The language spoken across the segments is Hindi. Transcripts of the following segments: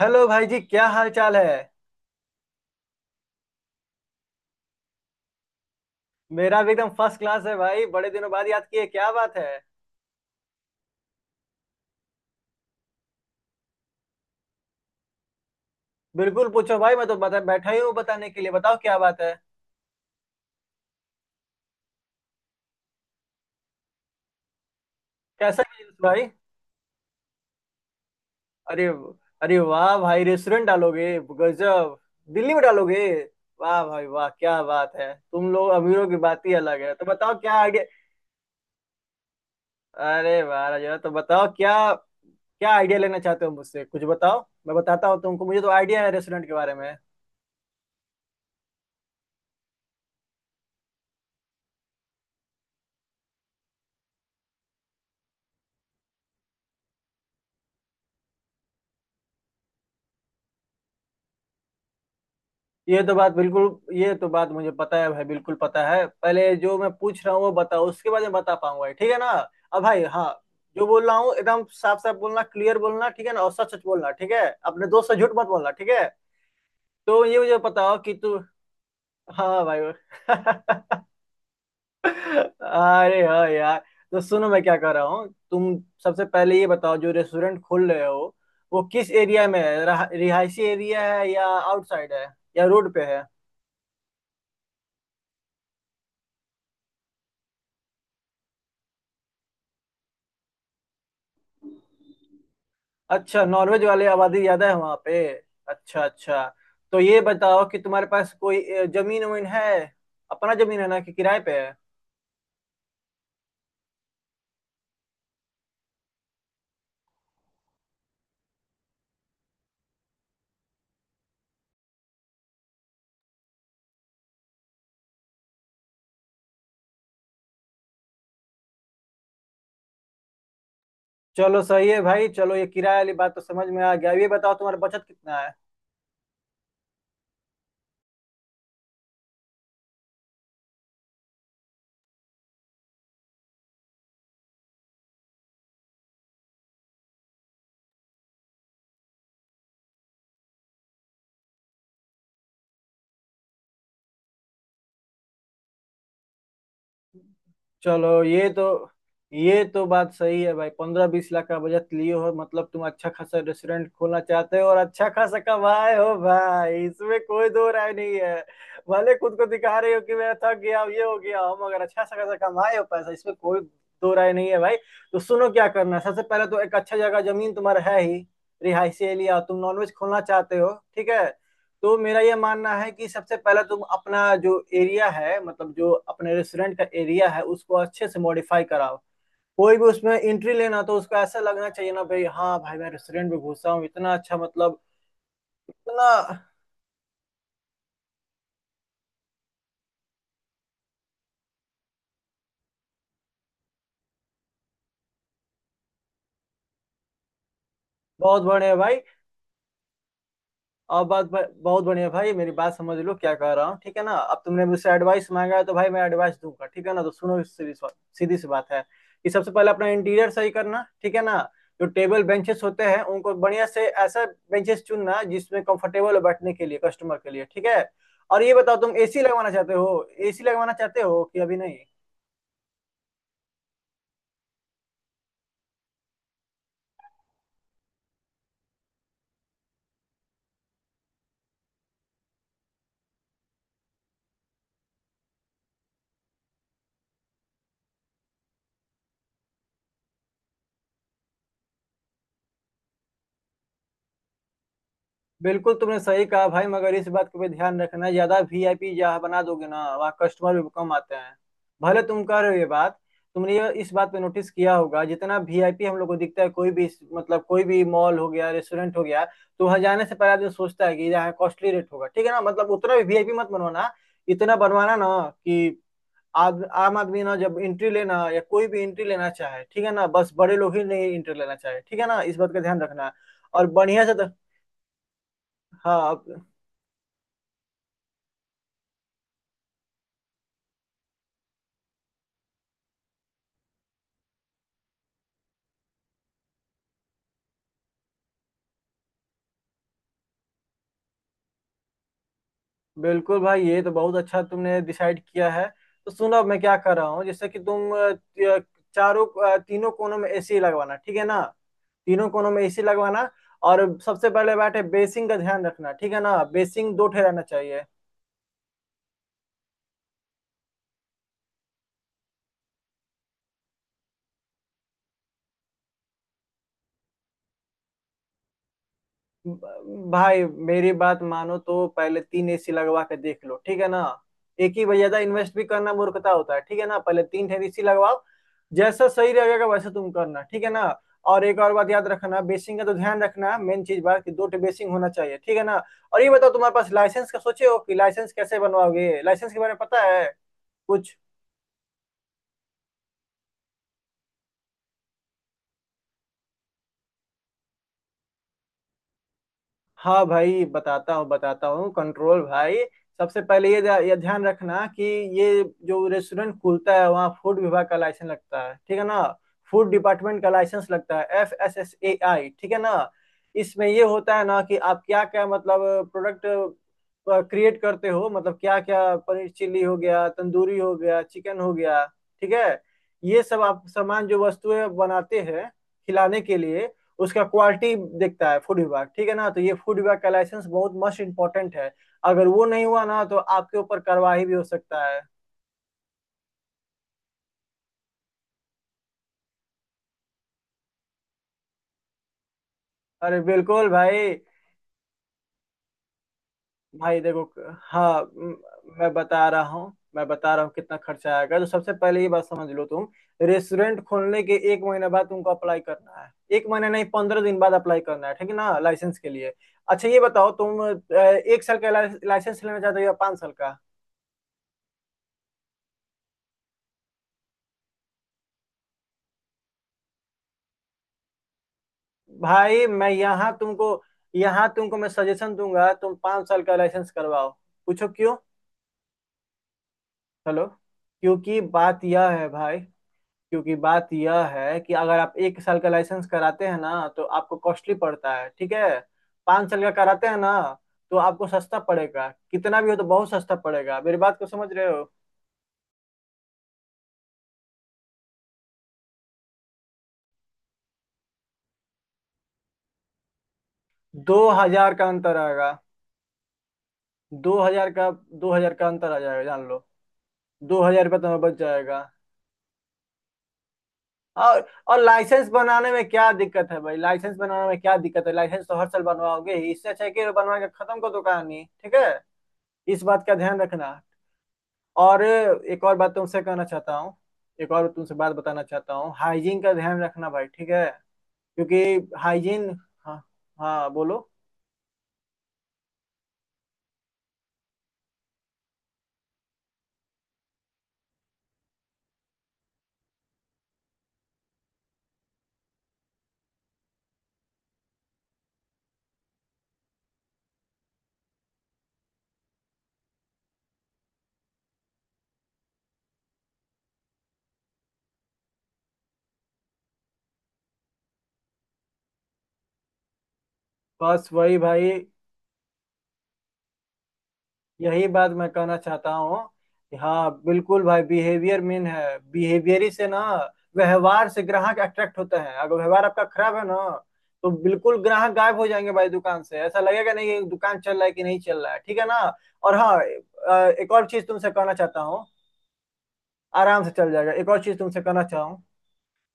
हेलो भाई जी, क्या हाल चाल है। मेरा भी एकदम फर्स्ट क्लास है भाई। बड़े दिनों बाद याद किए, क्या बात है। बिल्कुल पूछो भाई, मैं तो बता बैठा ही हूँ बताने के लिए। बताओ क्या बात है। कैसा बिजनेस भाई? अरे। अरे वाह भाई, रेस्टोरेंट डालोगे? गजब। दिल्ली में डालोगे? वाह भाई वाह, क्या बात है। तुम लोग अमीरों की बात ही अलग है। तो बताओ क्या आइडिया। अरे वाह राजा। तो बताओ क्या क्या आइडिया लेना चाहते हो मुझसे, कुछ बताओ। मैं बताता हूँ तुमको, मुझे तो आइडिया है रेस्टोरेंट के बारे में। ये तो बात मुझे पता है भाई, बिल्कुल पता है। पहले जो मैं पूछ रहा हूँ वो बताओ, उसके बाद मैं बता पाऊंगा, ठीक है ना। अब भाई, हाँ, जो बोल रहा हूँ एकदम साफ साफ बोलना, क्लियर बोलना, ठीक है ना। और सच सच बोलना, ठीक है। अपने दोस्त से झूठ मत बोलना, ठीक है। तो ये मुझे बताओ कि तू। हाँ भाई अरे हाँ यार। तो सुनो मैं क्या कह रहा हूँ। तुम सबसे पहले ये बताओ, जो रेस्टोरेंट खोल रहे हो वो किस एरिया में है, रिहायशी एरिया है या आउटसाइड है या रोड पे है। अच्छा, नॉर्वेज वाले आबादी ज्यादा है वहां पे, अच्छा अच्छा। तो ये बताओ कि तुम्हारे पास कोई जमीन वमीन है? अपना जमीन है ना कि किराए पे है? चलो सही है भाई। चलो ये किराए वाली बात तो समझ में आ गया। अब ये बताओ तुम्हारा बचत कितना है। चलो ये तो बात सही है भाई, 15-20 लाख का बजट लिए हो मतलब तुम अच्छा खासा रेस्टोरेंट खोलना चाहते हो, और अच्छा खासा कमाए हो भाई, इसमें कोई दो राय नहीं है। भले खुद को दिखा रहे हो कि मैं थक गया हूं, ये हो गया हूं, मगर अच्छा सा खासा कमाए हो पैसा, इसमें कोई दो राय नहीं है भाई। तो सुनो क्या करना है। सबसे पहले तो एक अच्छा जगह जमीन तुम्हारा है ही। रिहायशी एरिया, तुम नॉनवेज खोलना चाहते हो, ठीक है। तो मेरा ये मानना है कि सबसे पहले तुम अपना जो एरिया है, मतलब जो अपने रेस्टोरेंट का एरिया है, उसको अच्छे से मॉडिफाई कराओ। कोई भी उसमें एंट्री लेना तो उसको ऐसा लगना चाहिए ना भाई, हाँ भाई मैं रेस्टोरेंट में घुसा हूँ, इतना अच्छा मतलब। इतना बहुत बड़े है भाई। और बात बहुत बढ़िया भाई, मेरी बात समझ लो क्या कह रहा हूँ, ठीक है ना। अब तुमने मुझसे एडवाइस मांगा है तो भाई मैं एडवाइस दूंगा, ठीक है ना। तो सुनो, इस सीधी सी बात है कि सबसे पहले अपना इंटीरियर सही करना, ठीक है ना। जो टेबल बेंचेस होते हैं उनको बढ़िया से ऐसा बेंचेस चुनना जिसमें कंफर्टेबल हो बैठने के लिए कस्टमर के लिए, ठीक है। और ये बताओ तुम एसी लगवाना चाहते हो? एसी लगवाना चाहते हो कि अभी नहीं? बिल्कुल तुमने सही कहा भाई, मगर इस बात का भी ध्यान रखना, ज्यादा वीआईपी जहाँ बना दोगे ना वहाँ कस्टमर भी कम आते हैं। भले तुम कह रहे हो ये बात, तुमने ये इस बात पे नोटिस किया होगा, जितना वीआईपी हम लोग को दिखता है, कोई भी मतलब कोई भी मॉल हो गया रेस्टोरेंट हो गया, तो वहाँ जाने से पहले आदमी सोचता है कि यहाँ कॉस्टली रेट होगा, ठीक है ना। मतलब उतना भी वीआईपी मत बनवाना, इतना बनवाना ना कि आम आदमी ना जब एंट्री लेना या कोई भी एंट्री लेना चाहे, ठीक है ना, बस बड़े लोग ही नहीं एंट्री लेना चाहे, ठीक है ना। इस बात का ध्यान रखना। और बढ़िया से तो, हाँ बिल्कुल भाई, ये तो बहुत अच्छा तुमने डिसाइड किया है। तो सुनो अब मैं क्या कर रहा हूँ, जैसे कि तुम चारों तीनों कोनों में एसी लगवाना, ठीक है ना। तीनों कोनों में एसी लगवाना। और सबसे पहले बात है बेसिंग का ध्यान रखना, ठीक है ना। बेसिंग दो ठे रहना चाहिए। भाई मेरी बात मानो तो पहले तीन एसी लगवा के देख लो, ठीक है ना। एक ही भाई, ज्यादा इन्वेस्ट भी करना मूर्खता होता है, ठीक है ना। पहले तीन ठे एसी लगवाओ, जैसा सही रहेगा वैसा तुम करना, ठीक है ना। और एक और बात याद रखना, बेसिंग का तो ध्यान रखना, मेन चीज बात कि दो ठे बेसिंग होना चाहिए, ठीक है ना। और ये बताओ तुम्हारे पास लाइसेंस का सोचे हो कि लाइसेंस कैसे बनवाओगे? लाइसेंस के बारे में पता है कुछ? हाँ भाई, बताता हूँ बताता हूँ, कंट्रोल भाई। सबसे पहले ये ये ध्यान रखना कि ये जो रेस्टोरेंट खुलता है वहाँ फूड विभाग का लाइसेंस लगता है, ठीक है ना। फूड डिपार्टमेंट का लाइसेंस लगता है, FSSAI, ठीक है ना। इसमें ये होता है ना कि आप क्या क्या, मतलब प्रोडक्ट क्रिएट करते हो, मतलब क्या क्या, पनीर चिल्ली हो गया, तंदूरी हो गया, चिकन हो गया, ठीक है। ये सब आप सामान जो वस्तुएं बनाते हैं खिलाने के लिए, उसका क्वालिटी देखता है फूड विभाग, ठीक है ना। तो ये फूड विभाग का लाइसेंस बहुत मस्ट इम्पोर्टेंट है। अगर वो नहीं हुआ ना तो आपके ऊपर कार्रवाई भी हो सकता है। अरे बिल्कुल भाई। भाई देखो, हाँ म- मैं बता रहा हूँ कितना खर्चा आएगा। तो सबसे पहले ये बात समझ लो तुम। रेस्टोरेंट खोलने के एक महीने बाद तुमको अप्लाई करना है। एक महीने नहीं, 15 दिन बाद अप्लाई करना है, ठीक है ना, लाइसेंस के लिए। अच्छा ये बताओ तुम एक साल का लाइसेंस लेना चाहते हो या 5 साल का? भाई मैं यहाँ तुमको मैं सजेशन दूंगा, तुम 5 साल का लाइसेंस करवाओ। पूछो क्यों। हेलो। क्योंकि बात यह है भाई, क्योंकि बात यह है कि अगर आप 1 साल का लाइसेंस कराते हैं ना तो आपको कॉस्टली पड़ता है, ठीक है। 5 साल का कराते हैं ना तो आपको सस्ता पड़ेगा, कितना भी हो तो बहुत सस्ता पड़ेगा, मेरी बात को समझ रहे हो। 2,000 का अंतर आएगा। 2,000 का। 2,000 का अंतर आ जाएगा जान लो, 2,000 रुपये तुम्हें बच जाएगा। और और लाइसेंस बनाने में क्या दिक्कत है भाई? लाइसेंस बनाने में क्या दिक्कत है लाइसेंस तो हर साल बनवाओगे ही, इससे अच्छा है कि बनवा के खत्म कर दो कहानी, ठीक है। इस बात का ध्यान रखना। और एक और बात तुमसे कहना चाहता हूँ, एक और तुमसे बात बताना चाहता हूँ हाइजीन का ध्यान रखना भाई, ठीक है। क्योंकि हाइजीन, हाँ, हाँ बोलो। बस वही भाई। यही बात मैं कहना चाहता हूँ कि हाँ, बिल्कुल भाई, बिहेवियर मेन है। बिहेवियर ही से ना, व्यवहार से ग्राहक अट्रैक्ट होता है, अगर व्यवहार आपका खराब है ना तो बिल्कुल ग्राहक गायब हो जाएंगे भाई, दुकान से ऐसा लगेगा नहीं कि दुकान चल रहा है कि नहीं चल रहा है, ठीक है ना। और हाँ, एक और चीज तुमसे कहना चाहता हूँ। आराम से चल जाएगा, एक और चीज तुमसे कहना चाहूँ।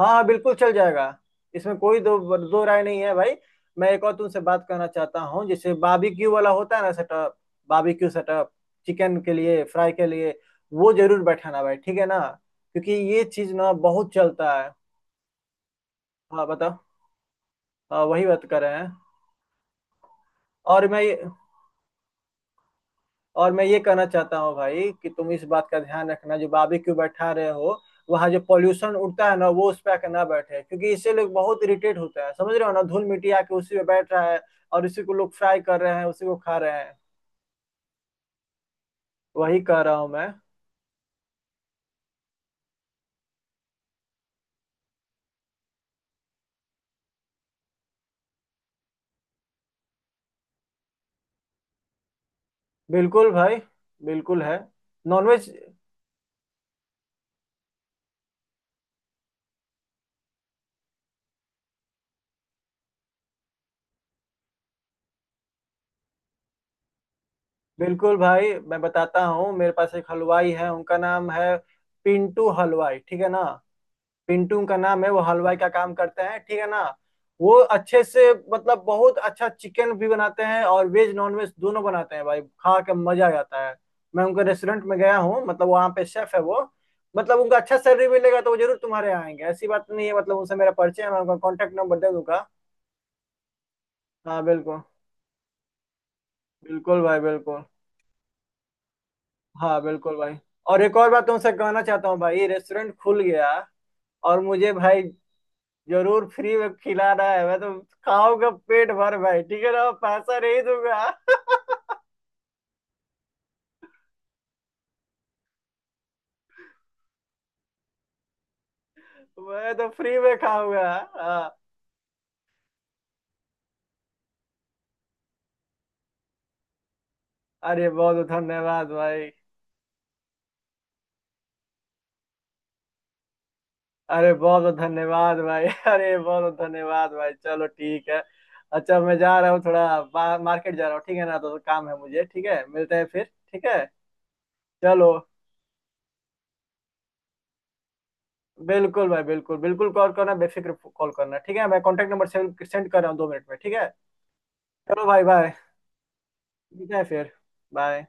हाँ बिल्कुल चल जाएगा। इसमें कोई दो दो राय नहीं है भाई। मैं एक और तुमसे बात करना चाहता हूँ, जैसे बाबीक्यू वाला होता है ना सेटअप, बाबीक्यू सेटअप, चिकन के लिए फ्राई के लिए, वो जरूर बैठाना भाई, ठीक है ना, क्योंकि ये चीज ना बहुत चलता है। हाँ बताओ। हाँ, वही बात कर रहे हैं। और मैं और मैं ये कहना चाहता हूँ भाई, कि तुम इस बात का ध्यान रखना, जो बाबी क्यों बैठा रहे हो, वहाँ जो पॉल्यूशन उड़ता है ना वो उस पे आके ना बैठे, क्योंकि इससे लोग बहुत इरिटेट होता है, समझ रहे हो ना, धूल मिट्टी आके उसी पे बैठ रहा है और उसी को लोग फ्राई कर रहे हैं, उसी को खा रहे हैं। वही कह रहा हूँ मैं। बिल्कुल भाई, बिल्कुल है। नॉनवेज बिल्कुल भाई, मैं बताता हूँ, मेरे पास एक हलवाई है, उनका नाम है पिंटू हलवाई, ठीक है ना। पिंटू का नाम है, वो हलवाई का काम करते हैं, ठीक है ना। वो अच्छे से मतलब बहुत अच्छा चिकन भी बनाते हैं और वेज नॉन वेज दोनों बनाते हैं भाई, खा के मजा आ जाता है। मैं उनके रेस्टोरेंट में गया हूँ, मतलब वहाँ पे शेफ है वो। मतलब उनका अच्छा सैलरी मिलेगा तो वो जरूर तुम्हारे यहाँ आएंगे, ऐसी बात नहीं है। मतलब उनसे मेरा परिचय है, मैं उनका कॉन्टेक्ट नंबर दे दूंगा। हाँ बिल्कुल। बिल्कुल भाई बिल्कुल। हाँ बिल्कुल भाई। और एक और बात तुमसे कहना चाहता हूँ भाई, रेस्टोरेंट खुल गया, और मुझे भाई जरूर फ्री में खिलाना है, मैं तो खाऊंगा पेट भर भाई, ठीक है ना, पैसा नहीं दूंगा मैं तो फ्री में खाऊंगा। हाँ, अरे बहुत धन्यवाद भाई। अरे बहुत धन्यवाद भाई अरे बहुत धन्यवाद भाई, चलो ठीक है। अच्छा मैं जा रहा हूँ, थोड़ा मार्केट जा रहा हूँ, ठीक है ना, तो काम है मुझे, ठीक है। मिलते हैं फिर। ठीक है। चलो, बिल्कुल भाई, बिल्कुल बिल्कुल कॉल करना, बेफिक्र कॉल करना, ठीक है। मैं कॉन्टेक्ट नंबर सेंड कर रहा हूँ 2 मिनट में, ठीक है। चलो भाई बाय। मिलते हैं फिर। बाय।